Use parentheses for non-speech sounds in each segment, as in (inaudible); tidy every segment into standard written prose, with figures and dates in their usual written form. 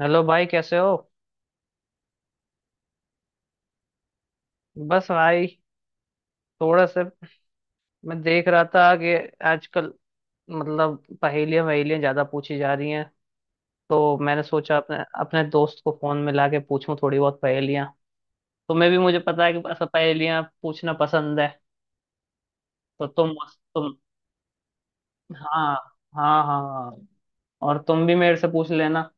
Hello भाई, कैसे हो? बस भाई, थोड़ा सा। मैं देख रहा था कि आजकल मतलब पहेलियां वहेलियां ज्यादा पूछी जा रही हैं। तो मैंने सोचा अपने अपने दोस्त को फोन में लाके पूछूं थोड़ी बहुत पहेलियां। तुम्हें भी मुझे पता है कि ऐसा पहेलियां पूछना पसंद है। तो तुम हाँ, हाँ, हाँ, हाँ। और तुम भी मेरे से पूछ लेना।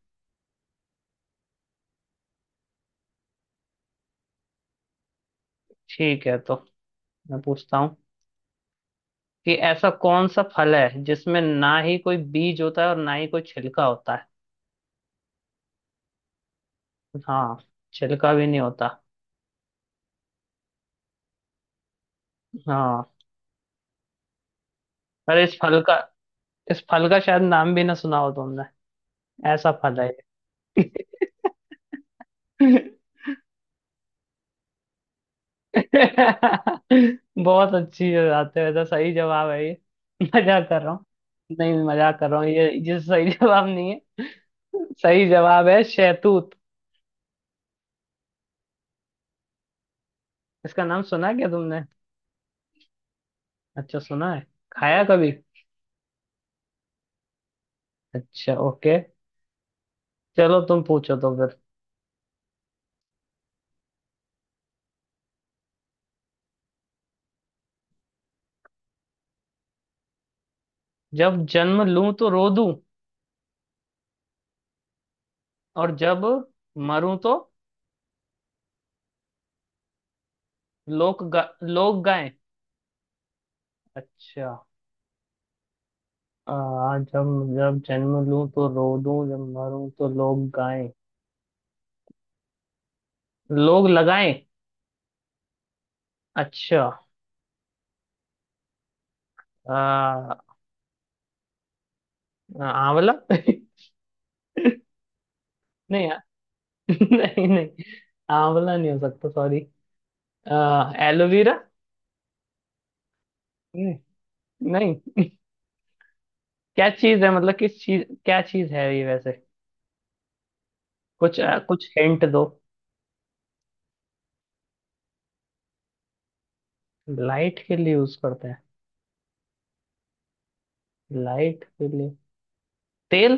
ठीक है, तो मैं पूछता हूँ कि ऐसा कौन सा फल है जिसमें ना ही कोई बीज होता है और ना ही कोई छिलका होता है। हाँ, छिलका भी नहीं होता। हाँ। अरे इस फल का शायद नाम भी ना सुना हो तुमने। ऐसा फल है ये। (laughs) बहुत अच्छी बात है, वैसे सही जवाब है ये। मजाक कर रहा हूँ। नहीं, मजाक कर रहा हूँ, ये सही (laughs) जवाब नहीं है। सही जवाब है शहतूत। इसका नाम सुना क्या तुमने? अच्छा, सुना है। खाया कभी? अच्छा, ओके। चलो तुम पूछो तो फिर। जब जन्म लूं तो रो दूं, और जब मरूं तो लोग गाएं। अच्छा। आ, जब जब जन्म लूं तो रो दूं, जब मरूं तो लोग गाएं। लोग लगाएं। अच्छा। आ, आंवला। (laughs) नहीं यार। (laughs) नहीं, नहीं। आंवला नहीं हो सकता, सॉरी। एलोवेरा। नहीं। नहीं। (laughs) क्या चीज है, मतलब किस चीज, क्या चीज है ये वैसे? कुछ हिंट दो। लाइट के लिए यूज करते हैं? लाइट के लिए। तेल।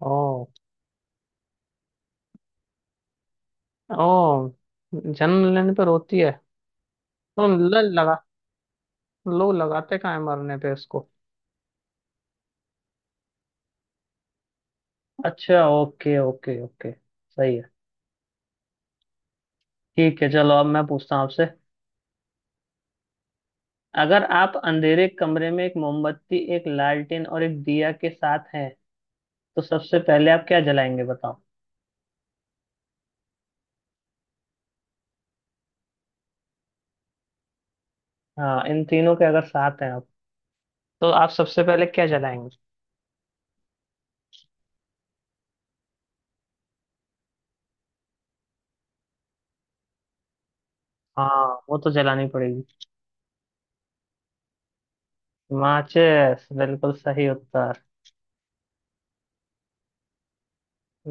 ओ। ओ। जन्म लेने पर होती है। लगा लो, लगाते कहाँ है मरने पे इसको। अच्छा, ओके, ओके, ओके, सही है। ठीक है, चलो, अब मैं पूछता हूँ आपसे। अगर आप अंधेरे कमरे में एक मोमबत्ती, एक लालटेन और एक दिया के साथ हैं, तो सबसे पहले आप क्या जलाएंगे, बताओ। हाँ, इन तीनों के अगर साथ हैं आप, तो आप सबसे पहले क्या जलाएंगे? हाँ, वो तो जलानी पड़ेगी। माचिस, बिल्कुल सही उत्तर।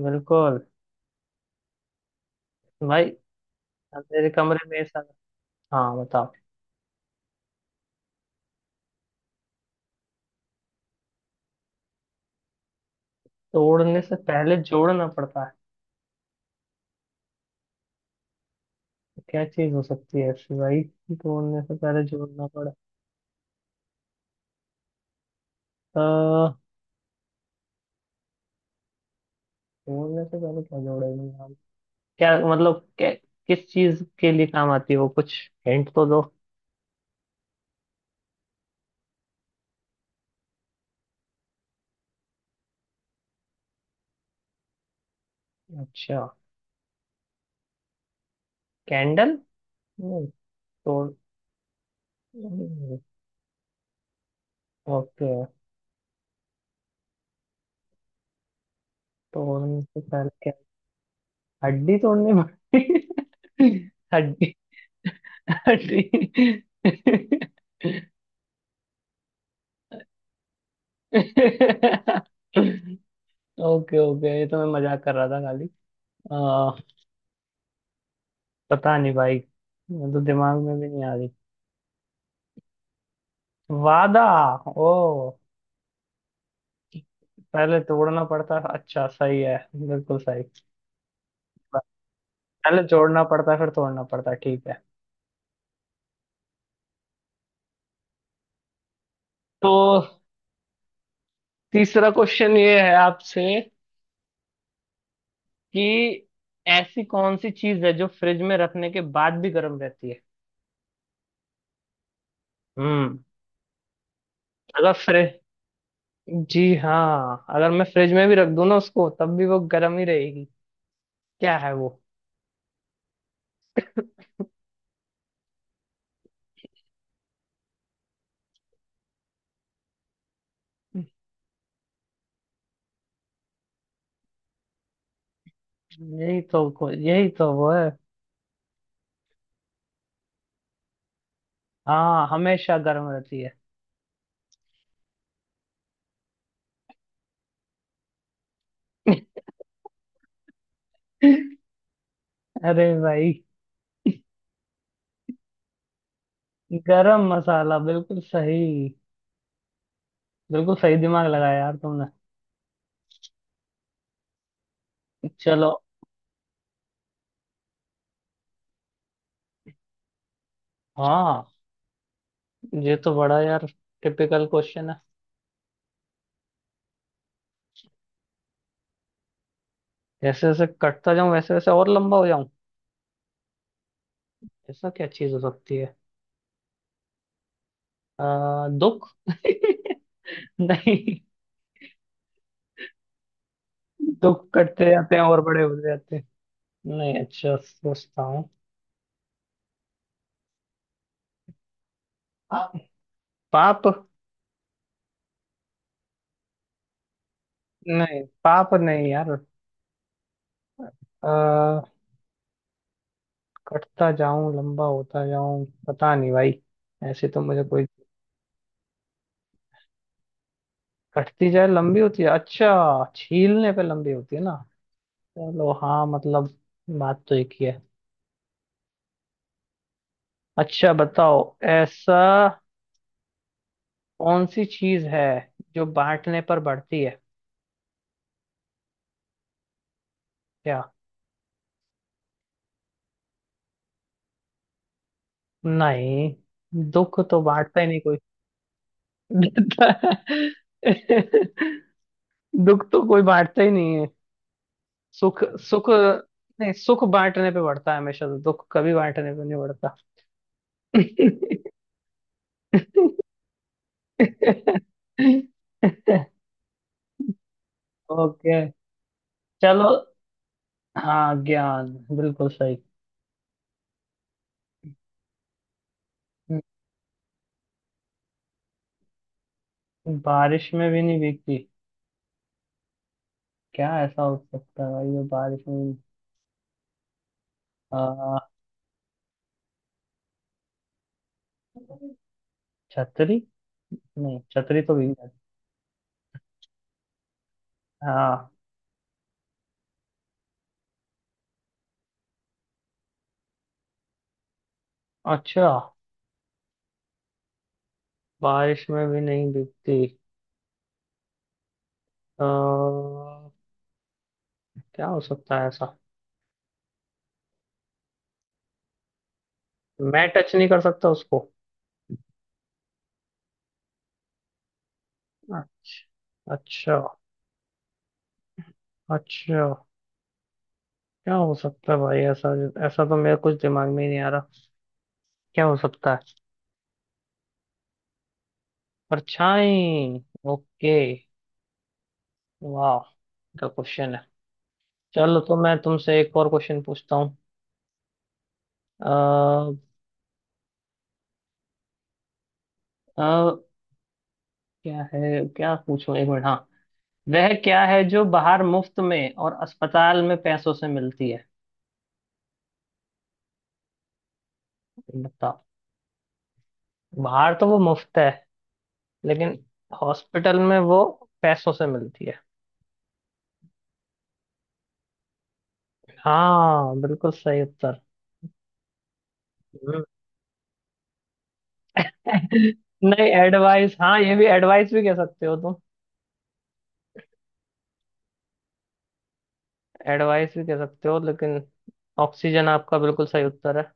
बिल्कुल। भाई अंधेरे कमरे में ऐसा। हाँ, बताओ। तोड़ने से पहले जोड़ना पड़ता है? क्या चीज हो सकती है ऐसी भाई? तोड़ने से पहले जोड़ना पड़ा। अह, तोड़ने से पहले क्या जोड़ेंगे हम? क्या मतलब क्या, किस चीज के लिए काम आती है वो? कुछ हिंट तो दो। अच्छा। कैंडल। नहीं। तोड़, नहीं, ओके। तोड़ने से पहले क्या? हड्डी तोड़नी पड़ती (laughs) हड्डी। हड्डी। ओके, ओके, ये तो मैं मजाक कर रहा था खाली। पता नहीं भाई। मैं तो दिमाग में भी नहीं आ रही। वादा। ओ। पहले तोड़ना पड़ता, अच्छा सही है, बिल्कुल सही। पहले जोड़ना पड़ता फिर तोड़ना पड़ता, ठीक है। तो तीसरा क्वेश्चन ये है आपसे, कि ऐसी कौन सी चीज है जो फ्रिज में रखने के बाद भी गर्म रहती है? हम्म अगर फ्रिज, जी हाँ, अगर मैं फ्रिज में भी रख दूँ ना उसको तब भी वो गर्म ही रहेगी। क्या है वो? यही तो वो है। हाँ, हमेशा गर्म रहती है। अरे भाई। गरम मसाला, बिल्कुल सही। बिल्कुल सही, दिमाग लगाया यार तुमने। चलो, हाँ, ये तो बड़ा यार टिपिकल क्वेश्चन है। जैसे जैसे कटता जाऊं वैसे वैसे और लंबा हो जाऊं। ऐसा क्या चीज हो सकती है? दुख। (laughs) नहीं, दुख कटते जाते हैं और बड़े होते जाते हैं। नहीं, अच्छा सोचता हूँ। पाप। नहीं, पाप नहीं यार। आ, कटता जाऊं लंबा होता जाऊं, पता नहीं भाई। ऐसे तो मुझे कोई। कटती जाए लंबी होती है, अच्छा छीलने पे लंबी होती है ना। चलो, हाँ, मतलब बात तो एक ही है। अच्छा, बताओ, ऐसा कौन सी चीज है जो बांटने पर बढ़ती है? क्या? नहीं, दुख तो बांटता ही नहीं कोई। (laughs) दुख तो कोई बांटता ही नहीं है। सुख। सुख। नहीं, सुख बांटने पे बढ़ता है हमेशा, तो दुख कभी बांटने पे नहीं बढ़ता। (laughs) ओके। चलो, हाँ, ज्ञान, बिल्कुल सही। बारिश में भी नहीं भीगती। क्या ऐसा हो सकता है भाई जो बारिश में भी-। आ, छतरी। नहीं, छतरी तो भीग जाती। हाँ, अच्छा। बारिश में भी नहीं भीगती। आ, क्या हो सकता है ऐसा? मैं टच नहीं कर सकता उसको? अच्छा, अच्छा, अच्छा। क्या हो सकता है भाई ऐसा? ऐसा तो मेरे कुछ दिमाग में ही नहीं आ रहा। क्या हो सकता है? परछाई। ओके, वाह, क्या क्वेश्चन है। चलो, तो मैं तुमसे एक और क्वेश्चन पूछता हूँ। अ, अ, क्या है, क्या पूछूं, एक मिनट, हाँ। वह क्या है जो बाहर मुफ्त में और अस्पताल में पैसों से मिलती है, बताओ। बाहर तो वो मुफ्त है, लेकिन हॉस्पिटल में वो पैसों से मिलती है। हाँ, बिल्कुल सही उत्तर। हम्म। (laughs) नहीं, एडवाइस, हाँ, ये भी, एडवाइस भी कह सकते हो तुम। एडवाइस भी कह सकते हो, लेकिन ऑक्सीजन आपका बिल्कुल सही उत्तर है।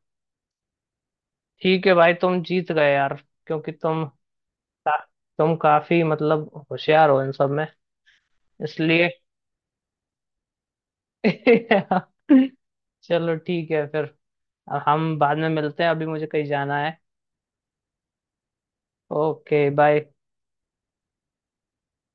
ठीक है भाई, तुम जीत गए यार, क्योंकि तुम काफी मतलब होशियार हो इन सब में, इसलिए। (laughs) चलो ठीक है फिर, हम बाद में मिलते हैं, अभी मुझे कहीं जाना है। Okay, bye.